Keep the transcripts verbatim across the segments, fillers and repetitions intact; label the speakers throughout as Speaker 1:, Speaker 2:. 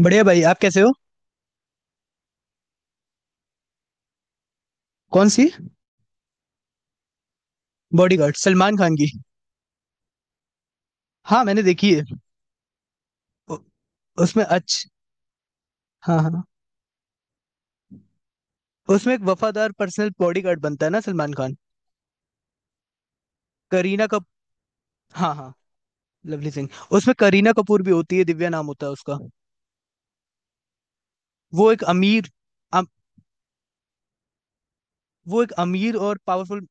Speaker 1: बढ़िया भाई, आप कैसे हो। कौन सी। बॉडीगार्ड सलमान खान की। हाँ, मैंने देखी है। उ- उसमें अच्छ हाँ हाँ। उसमें एक वफादार पर्सनल बॉडीगार्ड बनता है ना सलमान खान। करीना कप हाँ हाँ। लवली सिंह। उसमें करीना कपूर भी होती है, दिव्या नाम होता है उसका। वो एक अमीर। अम, वो एक अमीर और पावरफुल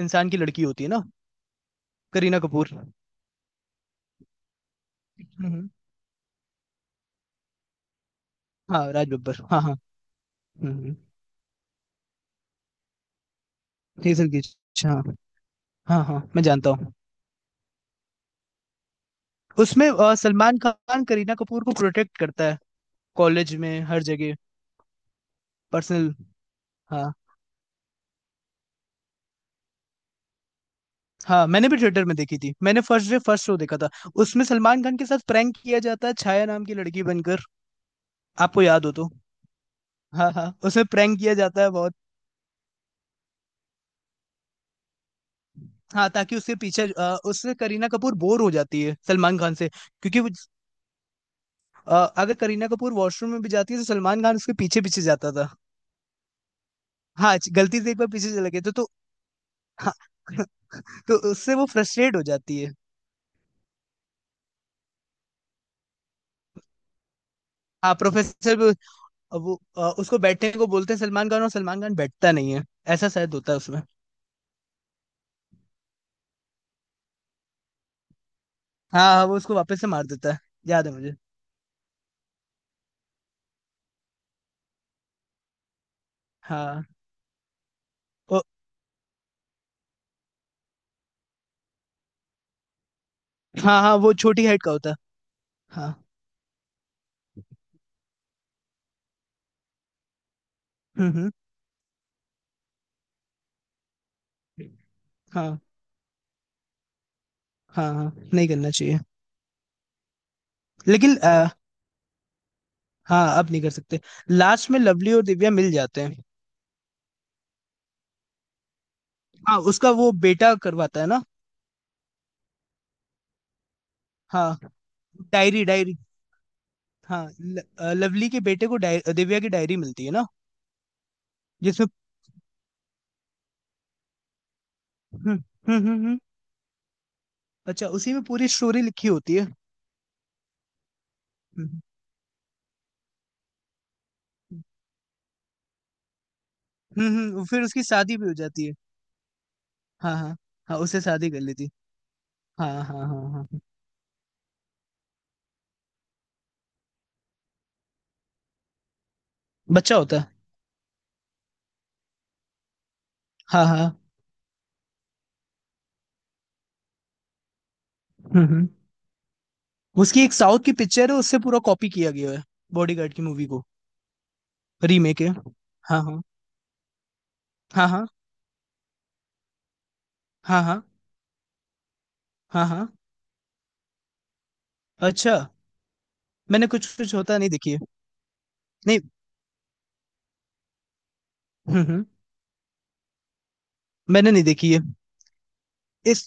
Speaker 1: इंसान की लड़की होती है ना। करीना कपूर। हम्म। हाँ राज बब्बर, हाँ हाँ। हम्म। हेसल की। हाँ। हाँ हाँ, मैं जानता हूँ। उसमें अ, सलमान खान करीना कपूर को प्रोटेक्ट करता है, कॉलेज में हर जगह। पर्सनल। हाँ। हाँ, मैंने भी थिएटर में देखी थी, मैंने फर्स्ट डे फर्स्ट शो देखा था। उसमें सलमान खान के साथ प्रैंक किया जाता है, छाया नाम की लड़की बनकर। आपको याद हो तो। हाँ हाँ, उसमें प्रैंक किया जाता है बहुत। हाँ, ताकि उसके पीछे अ, उससे करीना कपूर बोर हो जाती है सलमान खान से, क्योंकि वो अ, अगर करीना कपूर वॉशरूम में भी जाती है तो सलमान खान उसके पीछे पीछे जाता था। हाँ गलती से एक बार पीछे चले गए तो तो। हाँ, तो उससे वो फ्रस्ट्रेट हो जाती है। हाँ प्रोफेसर वो वो अ, उसको बैठने को बोलते हैं सलमान खान, और सलमान खान बैठता नहीं है। ऐसा शायद होता है उसमें। हाँ हाँ, वो उसको वापस से मार देता है। याद है मुझे। हाँ। ओ, हाँ हाँ, वो छोटी हाइट का होता है। हाँ। हम्म हम्म। हाँ हाँ हाँ, नहीं करना चाहिए। लेकिन आ, हाँ, अब नहीं कर सकते। लास्ट में लवली और दिव्या मिल जाते हैं। हाँ, उसका वो बेटा करवाता है ना। हाँ। Diary diary. हाँ, ल, अ, लवली के बेटे को डाय, दिव्या की डायरी मिलती है ना, जिसमें। हम्म हम्म, हम्म हम्म। अच्छा, उसी में पूरी स्टोरी लिखी होती है। हम्म हम्म हम्म, फिर उसकी शादी भी हो जाती है। हाँ हाँ हाँ, उससे शादी कर लेती है। हाँ हाँ हाँ हाँ। बच्चा होता है। हाँ हाँ। हम्म हम्म। उसकी एक साउथ की पिक्चर है, उससे पूरा कॉपी किया गया है बॉडीगार्ड की मूवी को। रीमेक है। हाँ हाँ हाँ, हाँ हाँ हाँ हाँ हाँ। अच्छा। मैंने कुछ कुछ होता नहीं देखी है। नहीं। हम्म हम्म। मैंने नहीं देखी है। इस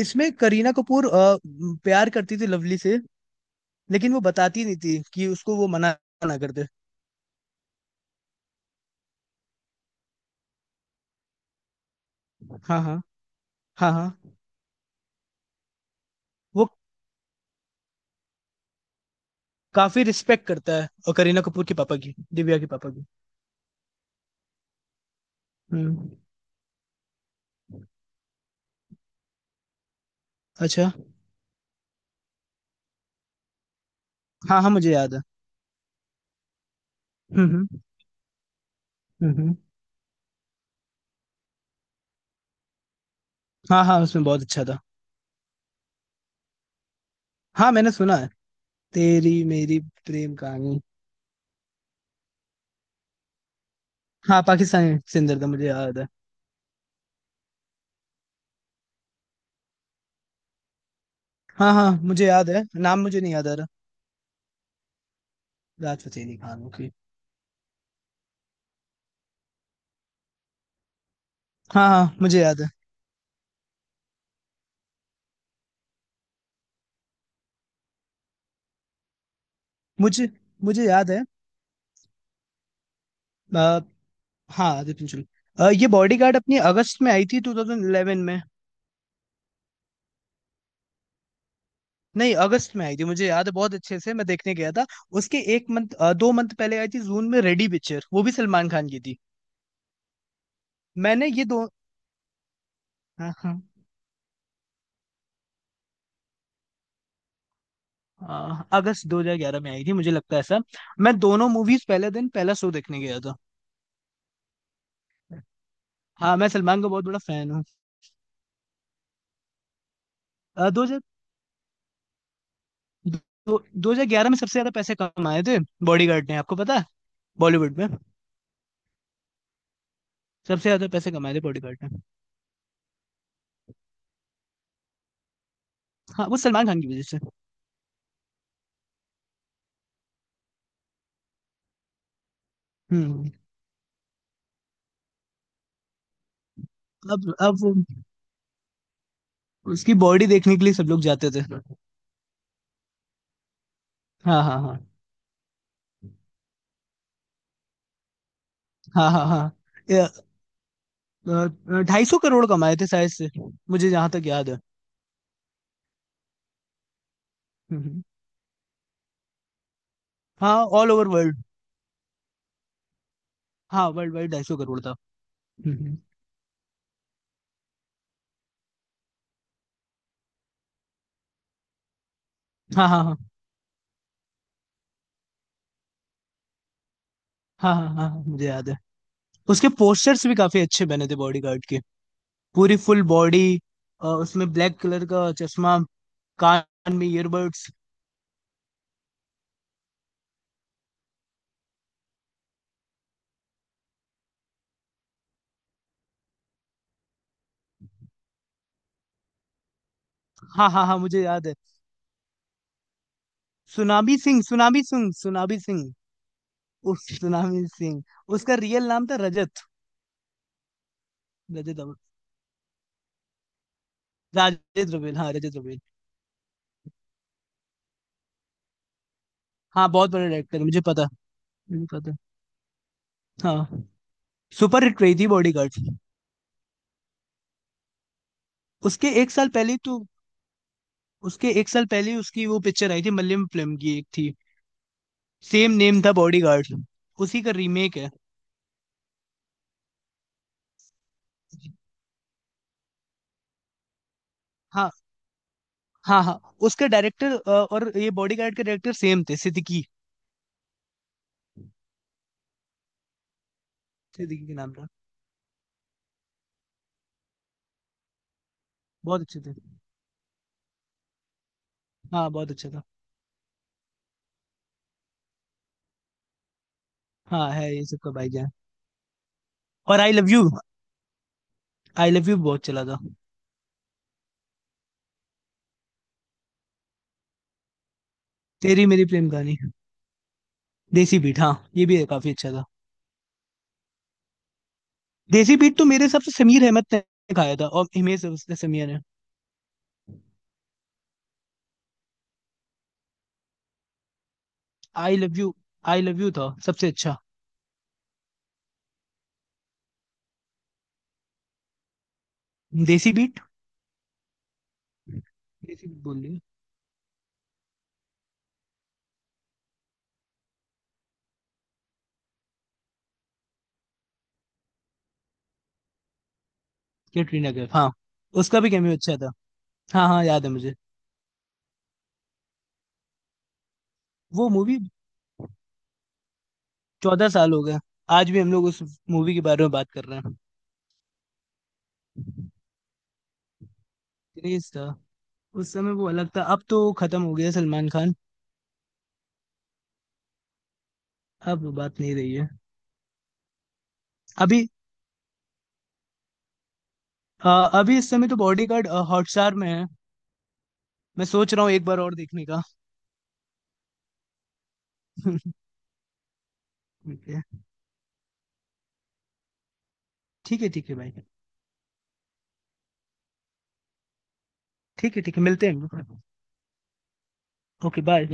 Speaker 1: इसमें करीना कपूर अ, प्यार करती थी लवली से, लेकिन वो बताती नहीं थी कि उसको वो मना ना कर दे। हाँ हाँ हाँ हाँ। वो काफी रिस्पेक्ट करता है, और करीना कपूर के पापा की, दिव्या के पापा की। हम्म। अच्छा। हाँ हाँ, मुझे याद है। हम्म हम्म हम्म। हाँ हाँ, उसमें बहुत अच्छा था। हाँ मैंने सुना है। तेरी मेरी प्रेम कहानी। हाँ पाकिस्तानी सिंदर था, मुझे याद है। हाँ हाँ मुझे याद है, नाम मुझे नहीं याद आ रहा। राहत फतेह अली खान, ओके। हाँ हाँ मुझे याद है। मुझे मुझे याद है। आ, हाँ आदित्य चंचोल। अ, ये बॉडीगार्ड अपनी अगस्त में आई थी ट्वेंटी ईलेवन में। नहीं, अगस्त में आई थी, मुझे याद है बहुत अच्छे से, मैं देखने गया था। उसके एक मंथ दो मंथ पहले आई थी जून में, रेडी पिक्चर, वो भी सलमान खान की थी। मैंने ये दो। हाँ हाँ। अ, अगस्त दो हज़ार ग्यारह में आई थी मुझे लगता है ऐसा। मैं दोनों मूवीज पहले दिन पहला शो देखने गया था। हाँ मैं सलमान का बहुत बड़ा फैन हूँ। अ, दो हज़ार दो 2011 में सबसे ज्यादा पैसे कमाए थे बॉडीगार्ड ने, आपको पता है, बॉलीवुड में। सबसे ज्यादा पैसे कमाए थे बॉडीगार्ड ने। हाँ, वो सलमान खान की वजह से। हम्म। अब अब वो- उसकी बॉडी देखने के लिए सब लोग जाते थे। हाँ हाँ हाँ, हाँ हाँ हाँ। ये, अ, ढाई सौ करोड़ कमाए थे शायद से, मुझे जहां तक याद है। हम्म, हाँ, ऑल ओवर वर्ल्ड। हाँ वर्ल्ड वाइड ढाई सौ करोड़ था। हम्म, हाँ हाँ हाँ हाँ, हाँ हाँ हाँ, मुझे याद है। उसके पोस्टर्स भी काफी अच्छे बने थे बॉडी गार्ड के। पूरी फुल बॉडी, उसमें ब्लैक कलर का चश्मा, कान में ईयरबड्स। हाँ हाँ हाँ, मुझे याद है। Tsunami Singh, tsunami Singh, tsunami Singh. उस सुनामी सिंह, उसका रियल नाम था रजत। रजत अब- राजेश रवेल, हाँ रजत रवेल। हाँ, बहुत बड़ा डायरेक्टर, मुझे पता। मुझे पता। हाँ। सुपर हिट रही थी बॉडी गार्ड। उसके एक साल पहले तो। उसके एक साल पहले उसकी वो पिक्चर आई थी, मलयालम फिल्म की एक थी। सेम नेम था बॉडीगार्ड। उसी का रीमेक है। हाँ हाँ हाँ। उसके डायरेक्टर और ये बॉडीगार्ड के डायरेक्टर सेम थे, सिद्दीकी। सिद्दीकी के नाम था। बहुत अच्छे थे। हाँ बहुत अच्छा था। हाँ है ये सबका भाईजान। और I love you. I love you बहुत चला था। तेरी मेरी प्रेम कहानी। देसी बीट। हाँ, ये भी काफी अच्छा था। देसी बीट तो मेरे हिसाब से समीर अहमद ने गाया था, और हिमेश, उसने समीर ने। I love you. I love you था सबसे अच्छा। देसी बीट। देसी बीट बोल रही है। कैटरीना कैफ, हाँ। उसका भी कैमियो अच्छा था। हाँ हाँ, याद है मुझे। वो मूवी। चौदह साल हो गए। आज भी हम लोग उस मूवी के बारे में बात कर रहे हैं। क्रेज था। उस समय वो अलग था, अब तो खत्म हो गया सलमान खान। अब वो बात नहीं रही है। अभी। अ, अभी इस समय तो बॉडीगार्ड हॉटस्टार में है, मैं सोच रहा हूँ एक बार और देखने का। ठीक है। ठीक है ठीक है भाई। ठीक है ठीक है, मिलते हैं। Okay bye.